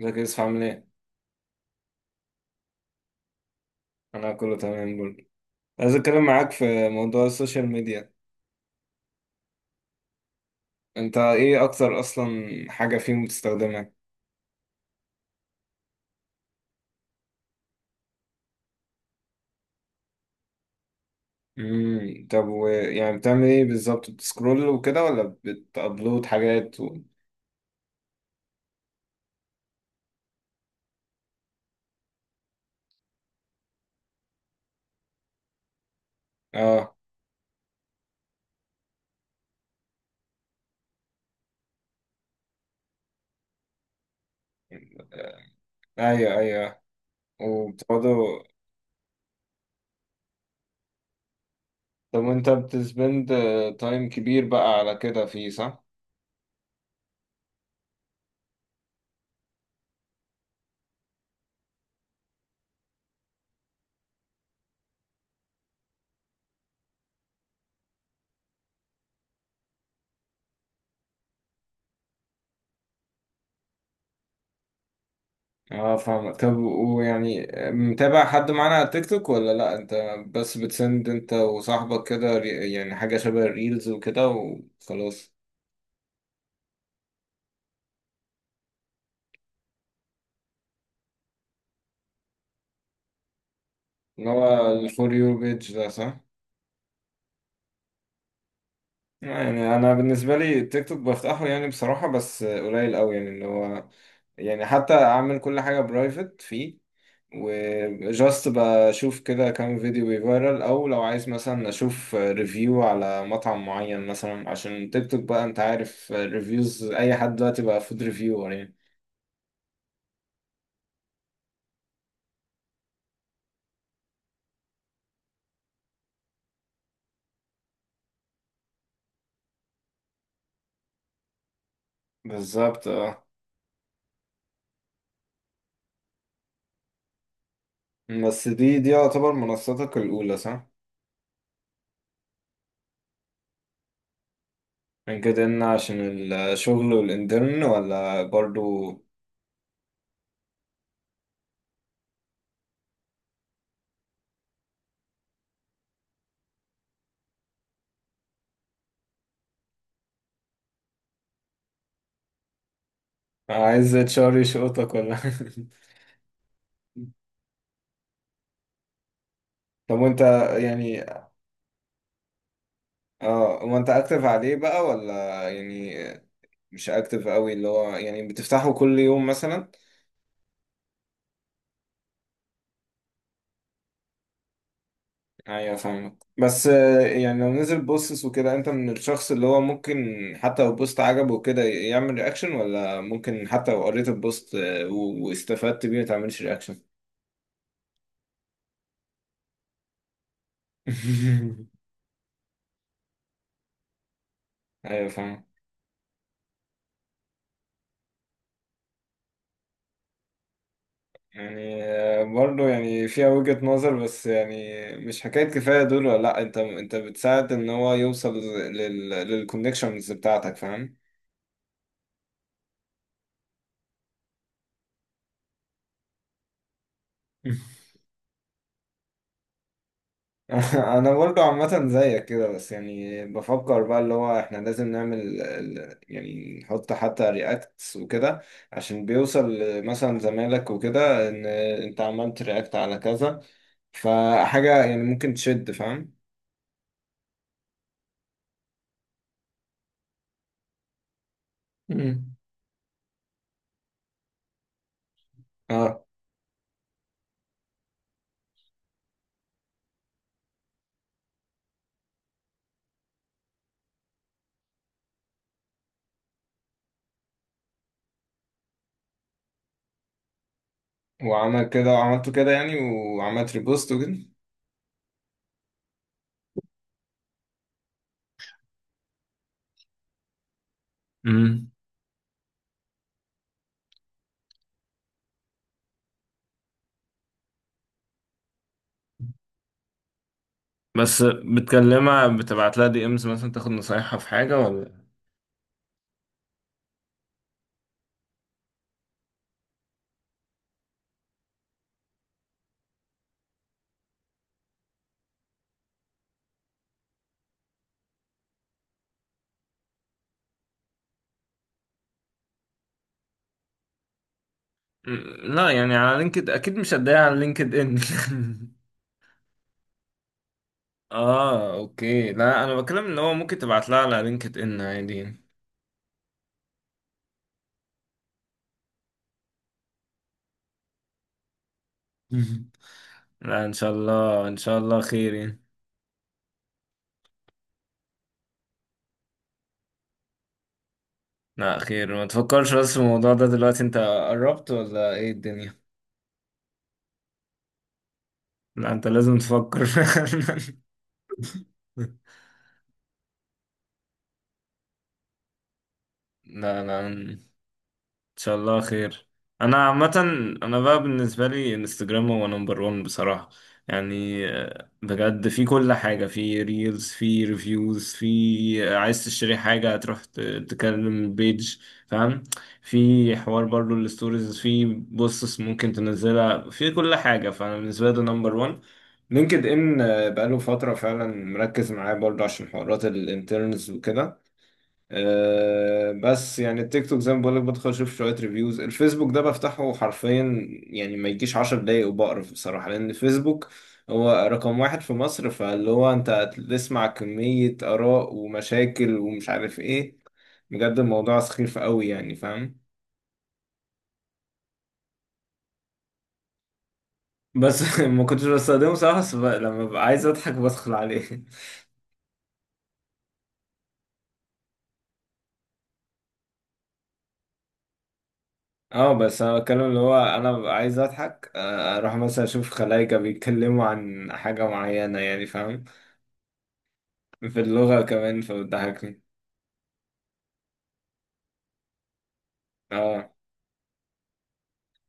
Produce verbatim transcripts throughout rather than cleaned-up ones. ازيك يا يوسف؟ عامل ايه؟ انا كله تمام برضه. عايز اتكلم معاك في موضوع السوشيال ميديا. انت ايه اكتر اصلا حاجة فيهم بتستخدمها؟ امم طب و... يعني بتعمل ايه بالظبط؟ بتسكرول وكده ولا بتابلود حاجات و... اه. ايوه ايوه. وبتقعدوا طب وانت بتسبند تايم كبير بقى على كده فيه، صح؟ اه فاهمك. طب ويعني متابع حد معانا على التيك توك ولا لا؟ انت بس بتسند انت وصاحبك كده، ري- يعني حاجة شبه الريلز وكده وخلاص؟ اللي هو الفور يو بيج ده، صح؟ يعني انا بالنسبة لي التيك توك بفتحه، يعني بصراحة بس قليل قوي. يعني اللي هو يعني حتى اعمل كل حاجة برايفت فيه، وجاست بشوف كده كام فيديو بيفيرال، او لو عايز مثلا اشوف ريفيو على مطعم معين مثلا. عشان تيك توك بقى، انت عارف، ريفيوز اي حد دلوقتي بقى فود ريفيور يعني. بالظبط. اه بس دي دي يعتبر منصتك الاولى، صح؟ من كده ان عشان الشغل والانترن ولا برضو عايز اتشار يشقطك، ولا طب وانت يعني اه، وانت اكتف عليه بقى ولا يعني مش اكتف قوي؟ اللي هو يعني بتفتحه كل يوم مثلا؟ ايوه فاهمك. بس آه، يعني لو نزل بوستس وكده، انت من الشخص اللي هو ممكن حتى لو بوست عجبه وكده يعمل رياكشن، ولا ممكن حتى لو قريت البوست آه، و- واستفدت بيه ما تعملش رياكشن؟ ايوه فاهم. يعني آه، برضه يعني فيها وجهة نظر، بس يعني مش حكاية كفاية دول ولا لا. انت انت بتساعد ان هو يوصل لل للكونكشنز بتاعتك، فاهم؟ انا برضو عامه زيك كده، بس يعني بفكر بقى اللي هو احنا لازم نعمل ال- يعني نحط حتى رياكتس وكده عشان بيوصل مثلا زمالك وكده ان انت عملت رياكت على كذا، فحاجه يعني ممكن تشد، فاهم؟ امم. اه. وعمل كده وعملته كده يعني، وعملت ريبوست وكده. امم. بس بتكلمها؟ بتبعت لها دي امز مثلا، تاخد نصايحها في حاجة ولا؟ مم، لا يعني على لينكد اكيد مش هتضايق، على لينكد ان. اه اوكي. لا انا بتكلم ان هو ممكن تبعت لها على لينكد ان عادي. لا، ان شاء الله، ان شاء الله خير يعني. لا خير، ما تفكرش بس في الموضوع ده دلوقتي. انت قربت ولا ايه الدنيا؟ لا انت لازم تفكر فعلا. لا لا شاء الله خير. انا عامه، انا بقى بالنسبه لي انستجرام هو نمبر واحد بصراحه. يعني آه، بجد، في كل حاجه، في ريلز، في ريفيوز، في آه، عايز تشتري حاجه هتروح ت- تكلم البيج، فاهم؟ في حوار برضو، الستوريز، في بوستس ممكن تنزلها، في كل حاجه. فانا بالنسبه لي ده نمبر واحد. لينكد ان آه، بقاله فتره فعلا مركز معاه برضو عشان حوارات الانترنز وكده. أه بس يعني التيك توك زي ما بقولك بدخل اشوف شوية ريفيوز. الفيسبوك ده بفتحه حرفيا يعني ما يجيش عشر دقايق وبقرف بصراحة، لأن الفيسبوك هو رقم واحد في مصر، فاللي هو انت هتسمع كمية آراء ومشاكل ومش عارف ايه، بجد الموضوع سخيف قوي يعني، فاهم؟ بس ما كنتش بستخدمه صراحة. بس ب- لما ببقى عايز اضحك بدخل عليه. اه بس انا بتكلم اللي هو انا ببقى عايز اضحك، آه، اروح مثلا اشوف خلايجة بيتكلموا عن حاجة معينة يعني، فاهم؟ في اللغة كمان، فبتضحكني. اه.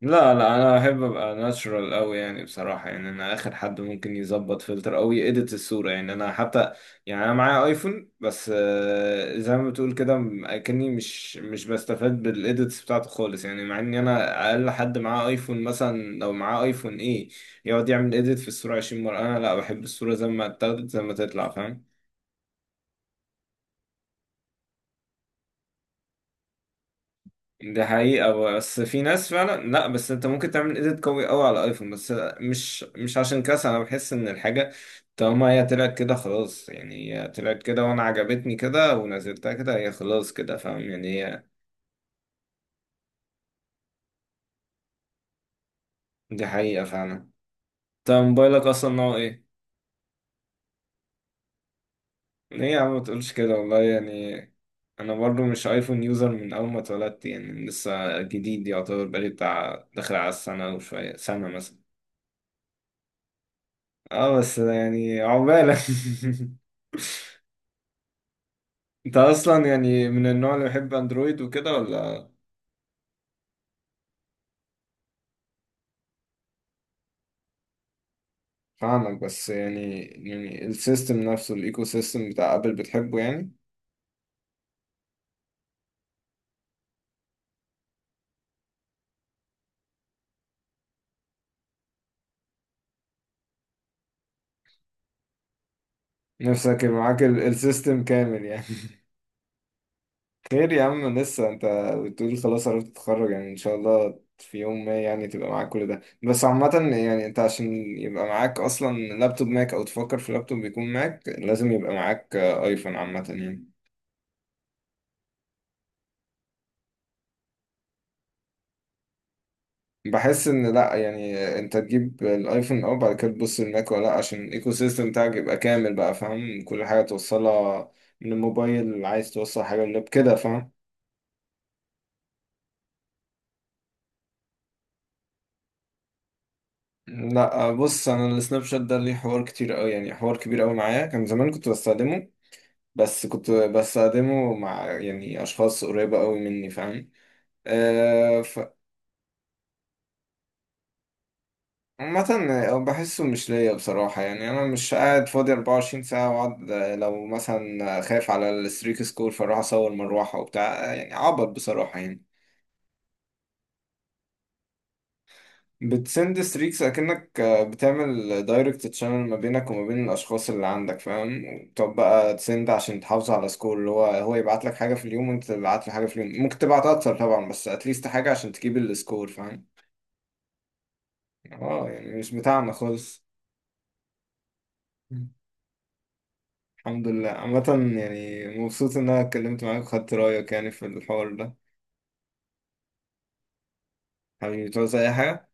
لا لا انا احب ابقى ناتشرال قوي يعني بصراحة. يعني انا اخر حد ممكن يظبط فلتر او يedit الصورة. يعني انا حتى يعني انا معايا ايفون بس، آه، زي ما بتقول كده، م- اكني مش مش بستفاد بالايديتس بتاعته خالص. يعني مع ان انا اقل حد معاه ايفون، مثلا لو معاه ايفون ايه يقعد يعمل edit في الصورة عشرين مرة. انا لا، بحب الصورة زي ما اتاخدت زي ما تطلع، فاهم؟ ده حقيقة. بس في ناس فعلا، لا بس انت ممكن تعمل ايديت قوي قوي على ايفون، بس مش مش عشان كده. انا بحس ان الحاجة طالما هي طلعت كده خلاص، يعني هي طلعت كده وانا عجبتني كده ونزلتها كده، هي خلاص كده، فاهم يعني هي. دي حقيقة فعلا. انت موبايلك اصلا نوع ايه؟ ليه يا عم ما تقولش كده، والله يعني. انا برضو مش ايفون يوزر من اول ما اتولدت، يعني لسه جديد يعتبر، بقالي بتاع داخل على السنة وشوية، سنة مثلا. اه بس يعني عقبالك انت اصلا يعني من النوع اللي بيحب اندرويد وكده ولا؟ فاهمك. بس يعني يعني السيستم نفسه، الايكو سيستم بتاع ابل، بتحبه يعني؟ نفسك يبقى معاك ال- السيستم كامل يعني. خير يا عم، لسه انت بتقول خلاص عرفت تتخرج، يعني ان شاء الله في يوم ما يعني تبقى معاك كل ده. بس عامة يعني انت، عشان يبقى معاك اصلا لابتوب ماك، او تفكر في لابتوب بيكون ماك، لازم يبقى معاك آه، ايفون عامة يعني. بحس ان لا يعني انت تجيب الايفون اه، بعد كده تبص الماك ولا لا، عشان الايكو سيستم بتاعك يبقى كامل بقى، فاهم؟ كل حاجه توصلها من الموبايل، عايز توصل حاجه اللاب كده، فاهم؟ لا بص، انا السناب شات ده ليه حوار كتير قوي يعني، حوار كبير قوي معايا. كان زمان كنت بستخدمه، بس كنت بستخدمه مع يعني اشخاص قريبه قوي مني، فاهم؟ عامة آه، بحسه مش ليا بصراحة. يعني أنا مش قاعد فاضي اربعة وعشرين ساعة وأقعد، آه، لو مثلا خايف على الستريك سكور فأروح أصور مروحة وبتاع، آه، يعني عبط بصراحة يعني. بتسند ستريكس، أكنك آه، بتعمل دايركت تشانل ما بينك وما بين الأشخاص اللي عندك، فاهم؟ طب بقى تسند عشان تحافظ على سكور، اللي هو هو يبعت لك حاجة في اليوم وأنت تبعت له حاجة في اليوم، ممكن تبعت أكتر طبعا، بس أتليست حاجة عشان تجيب السكور، فاهم؟ اه، يعني مش بتاعنا خالص. الحمد لله عامة. يعني مبسوط إن أنا اتكلمت معاك وخدت رأيك يعني في الحوار ده. حبيبي، تعوز أي حاجة؟